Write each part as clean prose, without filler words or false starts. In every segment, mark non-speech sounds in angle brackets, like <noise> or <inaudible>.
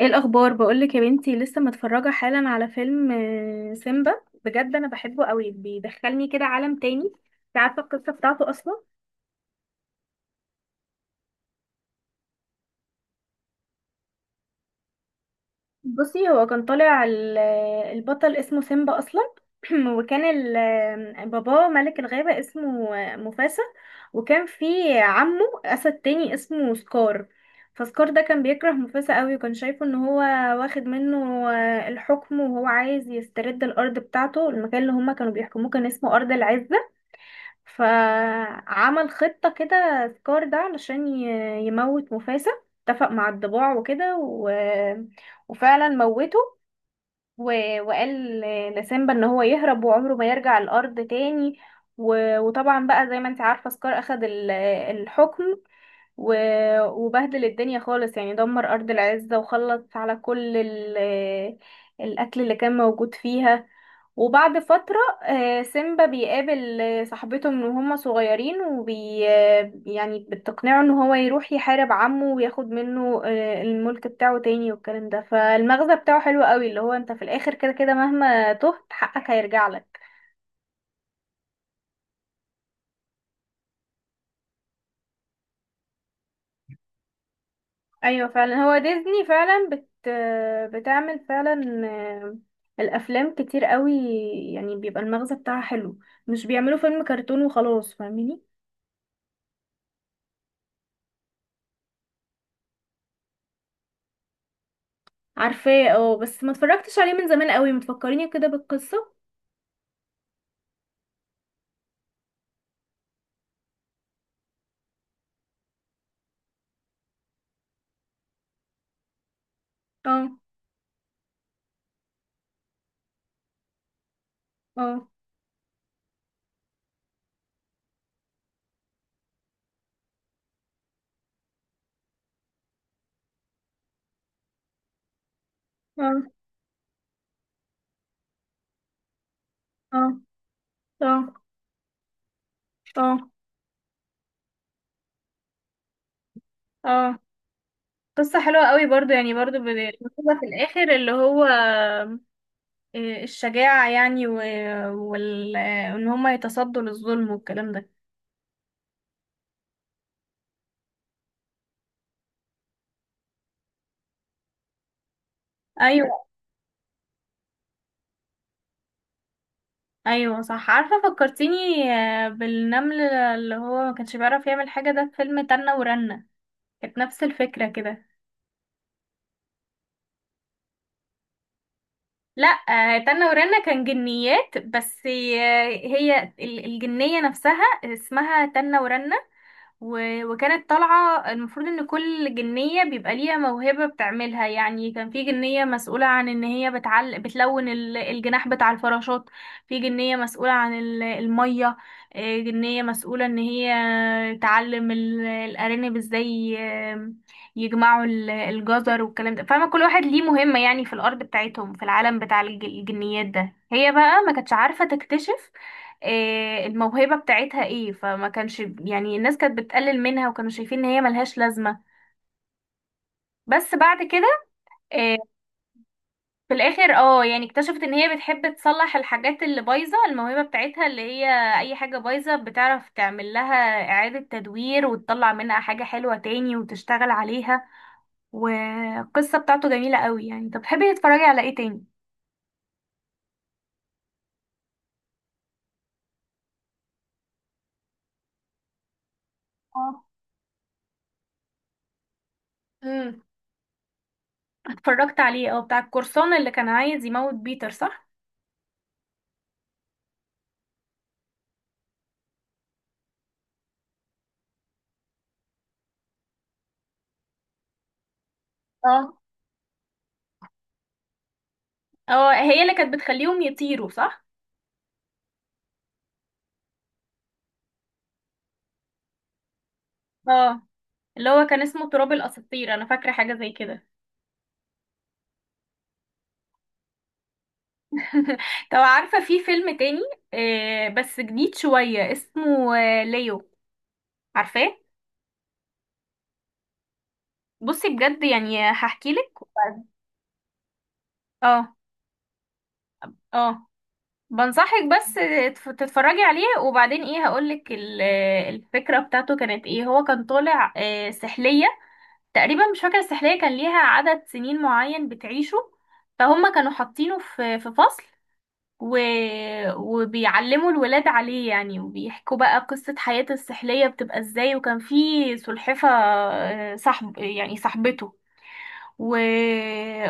ايه الاخبار بقولك يا بنتي؟ لسه متفرجه حالا على فيلم سيمبا. بجد انا بحبه قوي، بيدخلني كده عالم تاني. انت عارفه القصه بتاعته اصلا؟ بصي، هو كان طالع البطل اسمه سيمبا اصلا. <clears throat> وكان باباه ملك الغابة اسمه مفاسا، وكان في عمه اسد تاني اسمه سكار. فسكار ده كان بيكره مفاسا قوي، وكان شايفه ان هو واخد منه الحكم، وهو عايز يسترد الارض بتاعته. المكان اللي هما كانوا بيحكموه كان اسمه ارض العزة. فعمل خطة كده سكار ده علشان يموت مفاسة. اتفق مع الضباع وكده وفعلا موته، و... وقال لسيمبا ان هو يهرب وعمره ما يرجع الارض تاني. وطبعا بقى زي ما انت عارفة سكار اخد الحكم، و... وبهدل الدنيا خالص، يعني دمر ارض العزة وخلص على كل القتل اللي كان موجود فيها. وبعد فترة سيمبا بيقابل صاحبته من وهما صغيرين، وبي آه، يعني بتقنعه ان هو يروح يحارب عمه وياخد منه الملك بتاعه تاني والكلام ده. فالمغزى بتاعه حلو قوي، اللي هو انت في الاخر كده كده مهما تهت حقك هيرجع لك. ايوه فعلا، هو ديزني فعلا بت آه، بتعمل فعلا الافلام كتير قوي، يعني بيبقى المغزى بتاعها حلو. مش بيعملوا فيلم كرتون وخلاص، فاهميني؟ عارفاه، اه، بس ما اتفرجتش عليه من زمان قوي. متفكريني كده بالقصة. اه. اه. اه. اه. اه. اه. اه. قصة حلوة قوي برضو، يعني برضو بنقولها في الآخر، اللي هو الشجاعة يعني وال... آه، وإن هما يتصدوا للظلم والكلام ده. أيوة. أيوة صح، عارفة فكرتيني بالنمل اللي هو ما كانش بيعرف يعمل حاجة، ده في فيلم تنة ورنة. كانت نفس الفكرة كده. لا، تنة ورنة كان جنيات بس. هي الجنية نفسها اسمها تنة ورنة. وكانت طالعة، المفروض ان كل جنية بيبقى ليها موهبة بتعملها. يعني كان في جنية مسؤولة عن ان هي بتلون الجناح بتاع الفراشات، في جنية مسؤولة عن المية، جنية مسؤولة ان هي تعلم الارانب ازاي يجمعوا الجزر والكلام ده، فاهمة؟ كل واحد ليه مهمة يعني في الارض بتاعتهم في العالم بتاع الجنيات ده. هي بقى ما كانتش عارفة تكتشف إيه الموهبة بتاعتها ايه، فما كانش يعني الناس كانت بتقلل منها وكانوا شايفين ان هي ملهاش لازمة. بس بعد كده. إيه؟ في الاخر اه، يعني اكتشفت ان هي بتحب تصلح الحاجات اللي بايظة. الموهبة بتاعتها اللي هي اي حاجة بايظة بتعرف تعمل لها اعادة تدوير وتطلع منها حاجة حلوة تاني وتشتغل عليها. والقصة بتاعته جميلة قوي يعني. انت بتحبي تتفرجي على ايه تاني؟ اه. امم. اتفرجت عليه، اه، بتاع القرصان اللي كان عايز يموت بيتر، صح؟ اه، هي اللي كانت بتخليهم يطيروا، صح؟ اه، اللي هو كان اسمه تراب الاساطير، انا فاكره حاجه زي كده. <laughs> طب عارفه في فيلم تاني، بس جديد شويه، اسمه ليو. عارفاه؟ بصي بجد، يعني هحكي لك. اه. اه. بنصحك بس تتفرجي عليه، وبعدين ايه هقولك الفكرة بتاعته كانت ايه. هو كان طالع سحلية تقريبا. مش فاكرة، السحلية كان ليها عدد سنين معين بتعيشه. فهم كانوا حاطينه في فصل و... وبيعلموا الولاد عليه يعني، وبيحكوا بقى قصة حياة السحلية بتبقى ازاي. وكان في سلحفة صاحب يعني صاحبته. و...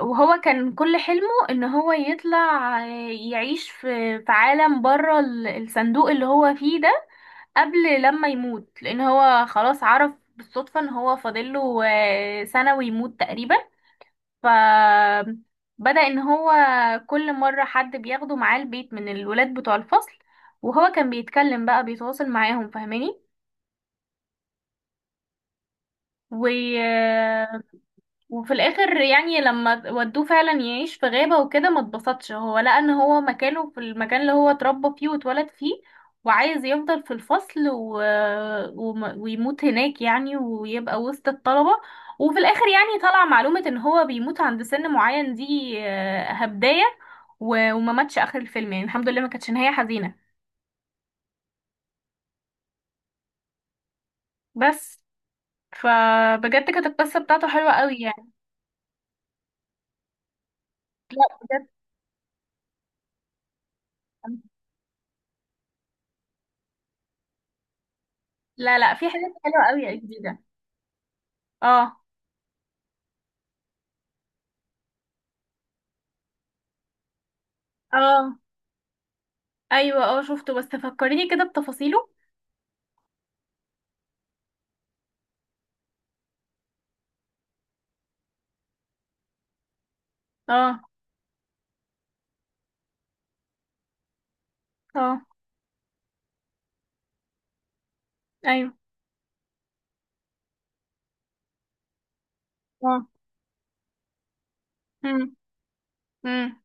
وهو كان كل حلمه ان هو يطلع يعيش في عالم بره الصندوق اللي هو فيه ده قبل لما يموت، لان هو خلاص عرف بالصدفة ان هو فاضله سنة ويموت تقريبا. فبدأ ان هو كل مرة حد بياخده معاه البيت من الولاد بتوع الفصل، وهو كان بيتكلم بقى، بيتواصل معاهم، فاهماني؟ و وفي الاخر يعني لما ودوه فعلا يعيش في غابة وكده ما اتبسطش. هو لقى ان هو مكانه في المكان اللي هو اتربى فيه واتولد فيه، وعايز يفضل في الفصل ويموت هناك يعني، ويبقى وسط الطلبة. وفي الاخر يعني طلع معلومة ان هو بيموت عند سن معين، دي هبداية وما ماتش اخر الفيلم يعني. الحمد لله ما كانتش نهاية حزينة بس. فبجد كانت القصة بتاعته حلوة قوي يعني. لا بجد. لا لا، في حاجات حلوة قوي جديدة. اه. اه. ايوه، اه شفته بس فكريني كده بتفاصيله. اه. اه. ايوه. اه. امم. امم.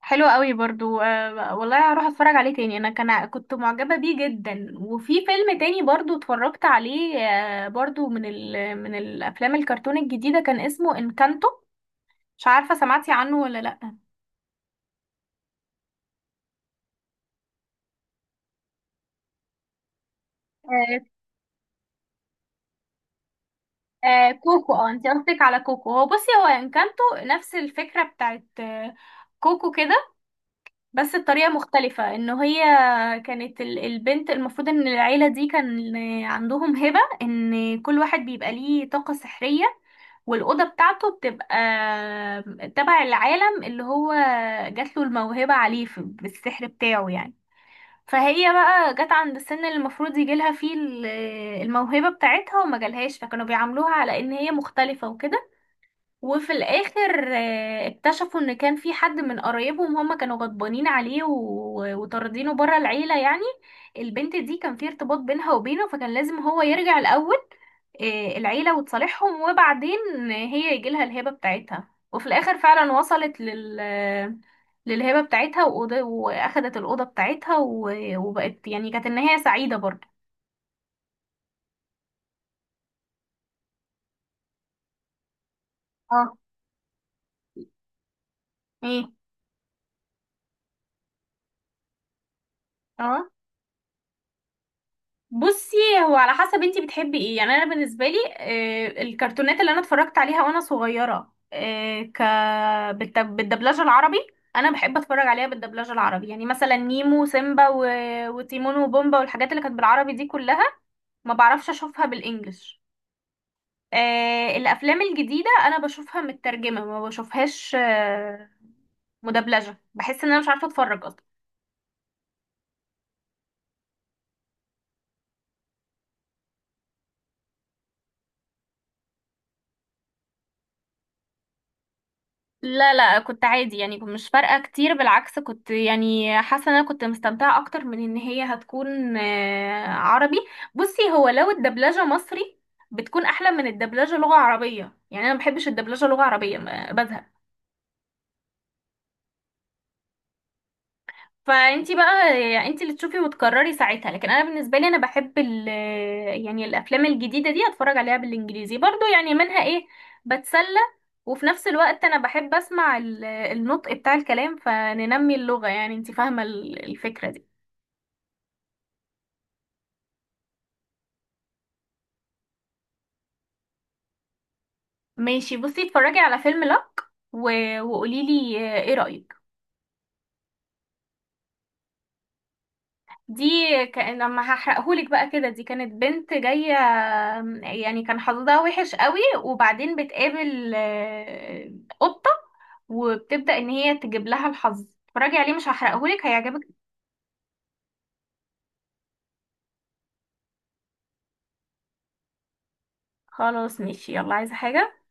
حلو قوي برضو، آه والله هروح اتفرج عليه تاني. انا كان كنت معجبة بيه جدا. وفي فيلم تاني برضو اتفرجت عليه، آه، برضو من الافلام الكرتون الجديدة، كان اسمه انكانتو. مش عارفة سمعتي عنه ولا لا؟ آه. آه كوكو، اه انت قصدك على كوكو. هو، بصي، هو انكانتو نفس الفكرة بتاعت كوكو كده، بس الطريقة مختلفة. انه هي كانت البنت، المفروض ان العيلة دي كان عندهم هبة ان كل واحد بيبقى ليه طاقة سحرية، والأوضة بتاعته بتبقى تبع العالم اللي هو جات له الموهبة عليه، بالسحر بتاعه يعني. فهي بقى جت عند السن اللي المفروض يجيلها فيه الموهبة بتاعتها وما جالهاش، فكانوا بيعاملوها على ان هي مختلفة وكده. وفي الاخر اكتشفوا ان كان في حد من قرايبهم هم كانوا غضبانين عليه وطاردينه بره العيله يعني. البنت دي كان في ارتباط بينها وبينه، فكان لازم هو يرجع الاول العيله وتصالحهم، وبعدين هي يجيلها الهبه بتاعتها. وفي الاخر فعلا وصلت للهبه بتاعتها واخدت الاوضه بتاعتها وبقت. يعني كانت النهايه سعيده برضه. اه. ايه؟ اه. بصي، هو على حسب انتي بتحبي ايه. يعني انا بالنسبه لي الكرتونات اللي انا اتفرجت عليها وانا صغيره، آه، ك بالدبلجه العربي. انا بحب اتفرج عليها بالدبلجه العربي. يعني مثلا نيمو وسيمبا وتيمون وبومبا والحاجات اللي كانت بالعربي دي كلها، ما بعرفش اشوفها بالانجلش. الافلام الجديده انا بشوفها مترجمه، ما بشوفهاش مدبلجه. بحس ان انا مش عارفه اتفرج اصلا. لا لا، كنت عادي يعني، كنت مش فارقة كتير. بالعكس كنت يعني حاسة ان انا كنت مستمتعة اكتر من ان هي هتكون عربي. بصي هو لو الدبلجة مصري بتكون احلى من الدبلجة لغة عربية. يعني انا ما بحبش الدبلجة لغة عربية، بزهق. فانتي بقى يعني انتي اللي تشوفي وتقرري ساعتها. لكن انا بالنسبه لي انا بحب يعني الافلام الجديده دي اتفرج عليها بالانجليزي برضو. يعني منها ايه، بتسلى، وفي نفس الوقت انا بحب اسمع النطق بتاع الكلام، فننمي اللغه. يعني انتي فاهمه الفكره دي؟ ماشي. بصي اتفرجي على فيلم لك وقولي لي ايه رايك. دي كان لما هحرقهولك بقى كده، دي كانت بنت جاية يعني، كان حظها وحش قوي، وبعدين بتقابل قطة وبتبدأ ان هي تجيب لها الحظ. اتفرجي عليه، مش هحرقهولك، هيعجبك. خلاص ماشي، يلا. عايزة حاجة؟